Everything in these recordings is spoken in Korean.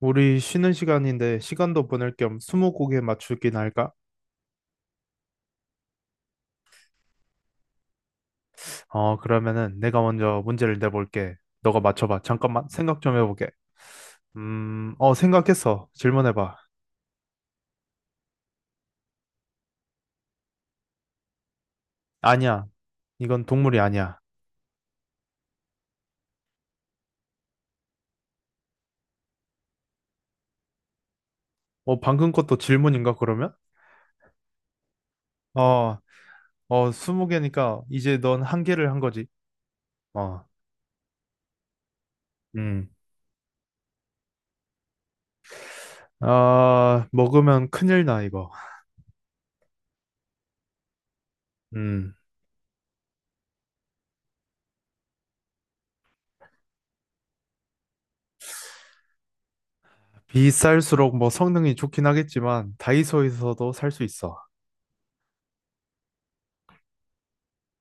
우리 쉬는 시간인데 시간도 보낼 겸 스무고개 맞추기 날까? 그러면은 내가 먼저 문제를 내볼게. 너가 맞춰봐. 잠깐만 생각 좀 해보게. 생각했어. 질문해봐. 아니야. 이건 동물이 아니야. 어, 방금 것도 질문인가 그러면? 어, 스무 개니까 이제 넌 한 개를 한 거지. 어, 음. 아, 먹으면 큰일 나, 이거. 음. 비쌀수록 뭐 성능이 좋긴 하겠지만 다이소에서도 살 수 있어.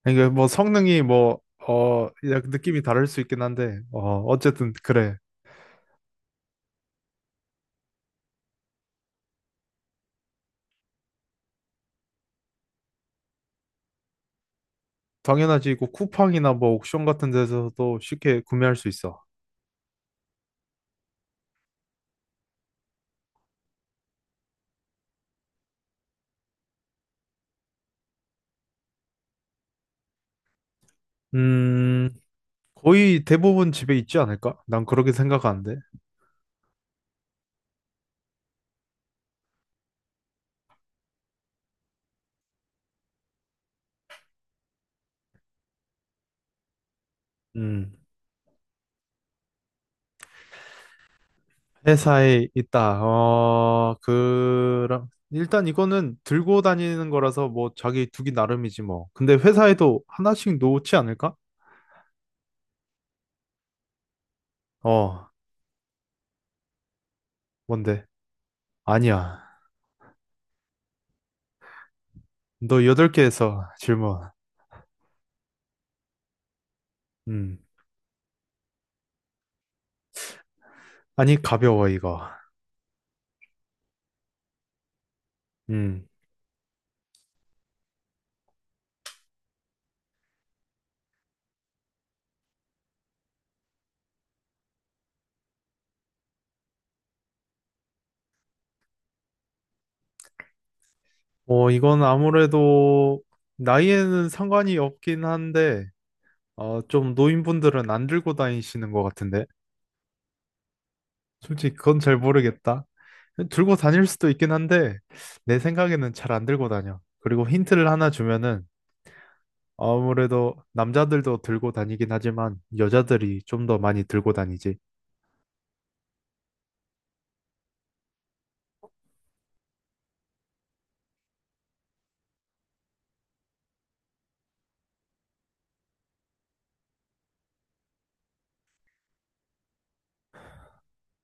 이게 뭐 성능이 뭐, 약 느낌이 다를 수 있긴 한데, 어쨌든 그래. 당연하지. 이거 쿠팡이나 뭐 옥션 같은 데서도 쉽게 구매할 수 있어. 음, 거의 대부분 집에 있지 않을까? 난 그렇게 생각하는데. 음, 회사에 있다. 그랑, 일단 이거는 들고 다니는 거라서 뭐 자기 두기 나름이지 뭐. 근데 회사에도 하나씩 놓지 않을까? 어, 뭔데? 아니야. 너 여덟 개에서 질문. 음. 아니, 가벼워, 이거. 음. 이건 아무래도 나이에는 상관이 없긴 한데, 좀 노인분들은 안 들고 다니시는 것 같은데. 솔직히 그건 잘 모르겠다. 들고 다닐 수도 있긴 한데, 내 생각에는 잘 안 들고 다녀. 그리고 힌트를 하나 주면은, 아무래도 남자들도 들고 다니긴 하지만, 여자들이 좀 더 많이 들고 다니지.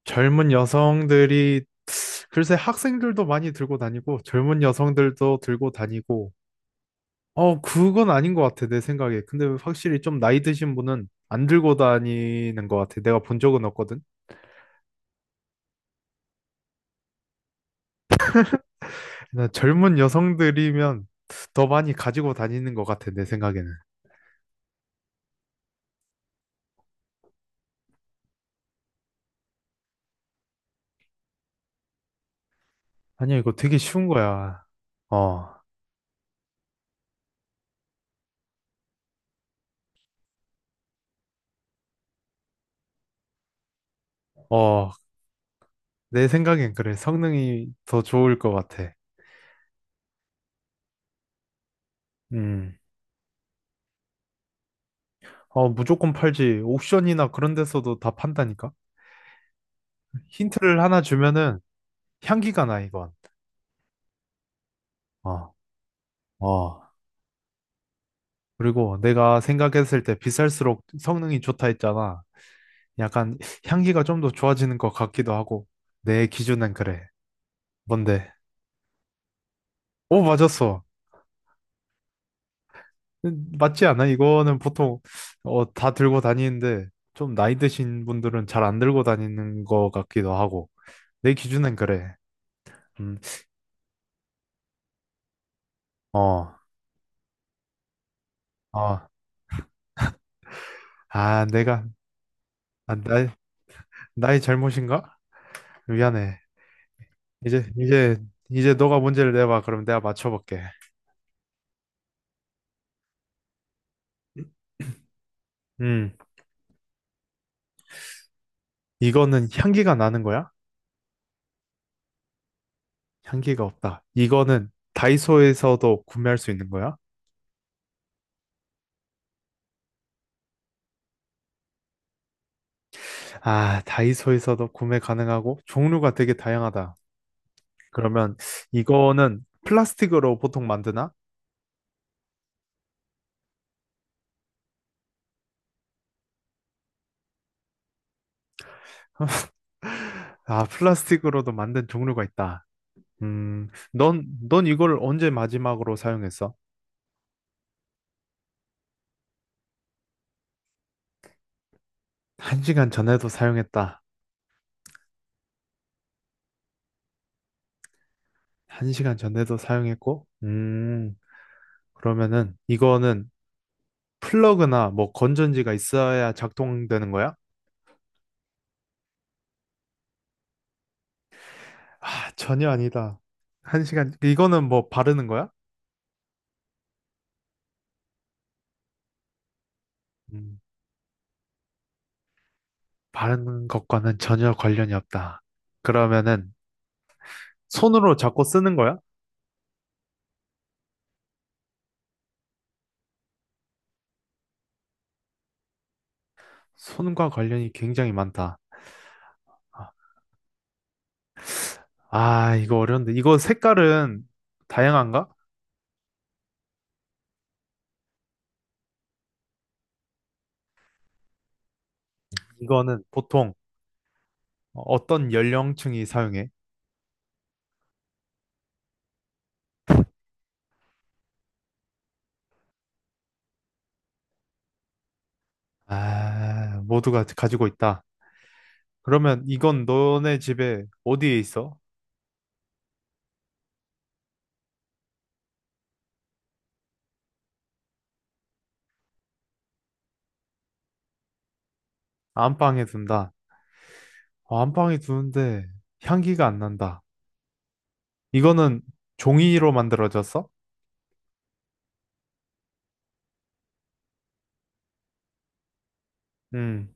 젊은 여성들이, 글쎄 학생들도 많이 들고 다니고, 젊은 여성들도 들고 다니고, 그건 아닌 것 같아, 내 생각에. 근데 확실히 좀 나이 드신 분은 안 들고 다니는 것 같아. 내가 본 적은 없거든. 나 젊은 여성들이면 더 많이 가지고 다니는 것 같아, 내 생각에는. 아니야, 이거 되게 쉬운 거야. 어, 어, 내 생각엔 그래. 성능이 더 좋을 것 같아. 음, 무조건 팔지. 옥션이나 그런 데서도 다 판다니까? 힌트를 하나 주면은 향기가 나, 이건. 어, 어. 그리고 내가 생각했을 때 비쌀수록 성능이 좋다 했잖아. 약간 향기가 좀 더 좋아지는 것 같기도 하고 내 기준엔 그래. 뭔데? 오, 맞았어. 맞지 않아? 이거는 보통 다 들고 다니는데 좀 나이 드신 분들은 잘 안 들고 다니는 것 같기도 하고 내 기준엔 그래. 음, 어, 어, 내가 아, 나 나의 잘못인가? 미안해. 이제 이제 이제 너가 문제를 내봐. 그럼 내가 맞춰볼게. 음, 이거는 향기가 나는 거야? 향기가 없다. 이거는 다이소에서도 구매할 수 있는 거야? 아, 다이소에서도 구매 가능하고 종류가 되게 다양하다. 그러면 이거는 플라스틱으로 보통 만드나? 아, 플라스틱으로도 만든 종류가 있다. 넌 이걸 언제 마지막으로 사용했어? 한 시간 전에도 사용했다. 한 시간 전에도 사용했고, 그러면은 이거는 플러그나 뭐 건전지가 있어야 작동되는 거야? 아, 전혀 아니다. 한 시간, 이거는 뭐 바르는 거야? 음, 바르는 것과는 전혀 관련이 없다. 그러면은 손으로 잡고 쓰는 거야? 손과 관련이 굉장히 많다. 아, 이거 어려운데. 이거 색깔은 다양한가? 이거는 보통 어떤 연령층이 사용해? 아, 모두가 가지고 있다. 그러면 이건 너네 집에 어디에 있어? 안방에 둔다. 어, 안방에 두는데 향기가 안 난다. 이거는 종이로 만들어졌어? 음.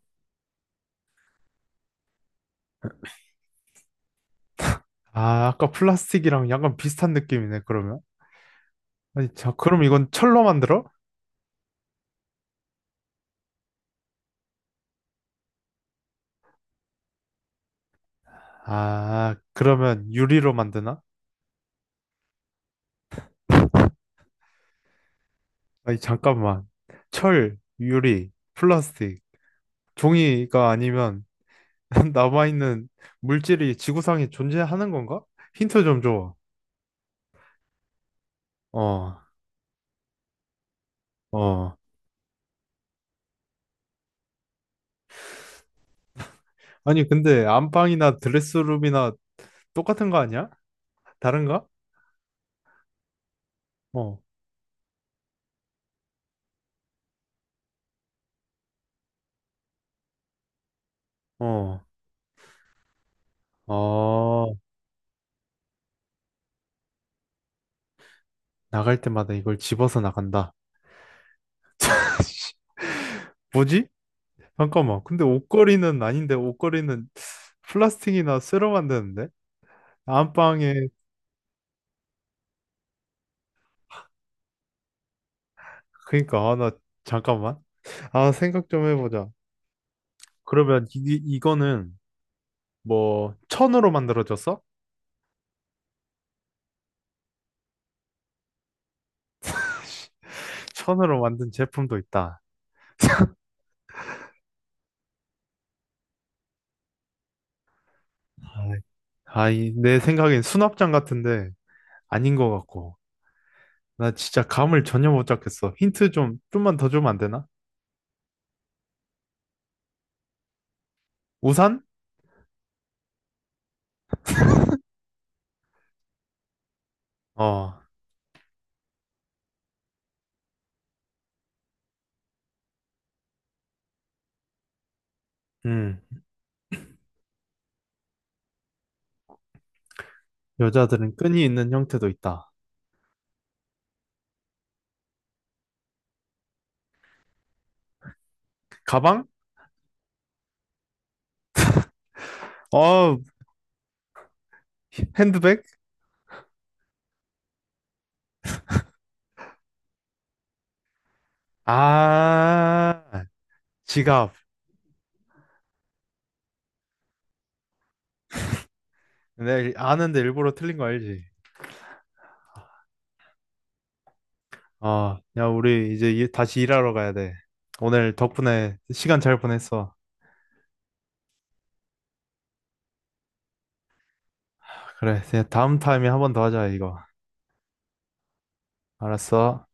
아, 아까 플라스틱이랑 약간 비슷한 느낌이네, 그러면. 아니, 자, 그럼 이건 철로 만들어? 아, 그러면 유리로 만드나? 아니, 잠깐만. 철, 유리, 플라스틱, 종이가 아니면 남아있는 물질이 지구상에 존재하는 건가? 힌트 좀 줘. 어, 어. 아니, 근데 안방이나 드레스룸이나 똑같은 거 아니야? 다른가? 어, 어, 어. 나갈 때마다 이걸 집어서 나간다. 뭐지? 잠깐만. 근데 옷걸이는 아닌데 옷걸이는 플라스틱이나 쇠로 만드는데? 안방에 그러니까 아, 나 잠깐만. 아, 생각 좀 해보자. 그러면 이거는 뭐 천으로 만들어졌어? 천으로 만든 제품도 있다. 내 생각엔 수납장 같은데 아닌 것 같고. 나 진짜 감을 전혀 못 잡겠어. 힌트 좀 좀만 더 주면 안 되나? 우산? 어, 음. 여자들은 끈이 있는 형태도 있다. 가방? 어, 핸드백? 아, 지갑. 내가 아는데 일부러 틀린 거 알지? 아, 야, 우리 이제 다시 일하러 가야 돼. 오늘 덕분에 시간 잘 보냈어. 그래, 이제 다음 타임에 한 번 더 하자, 이거. 알았어.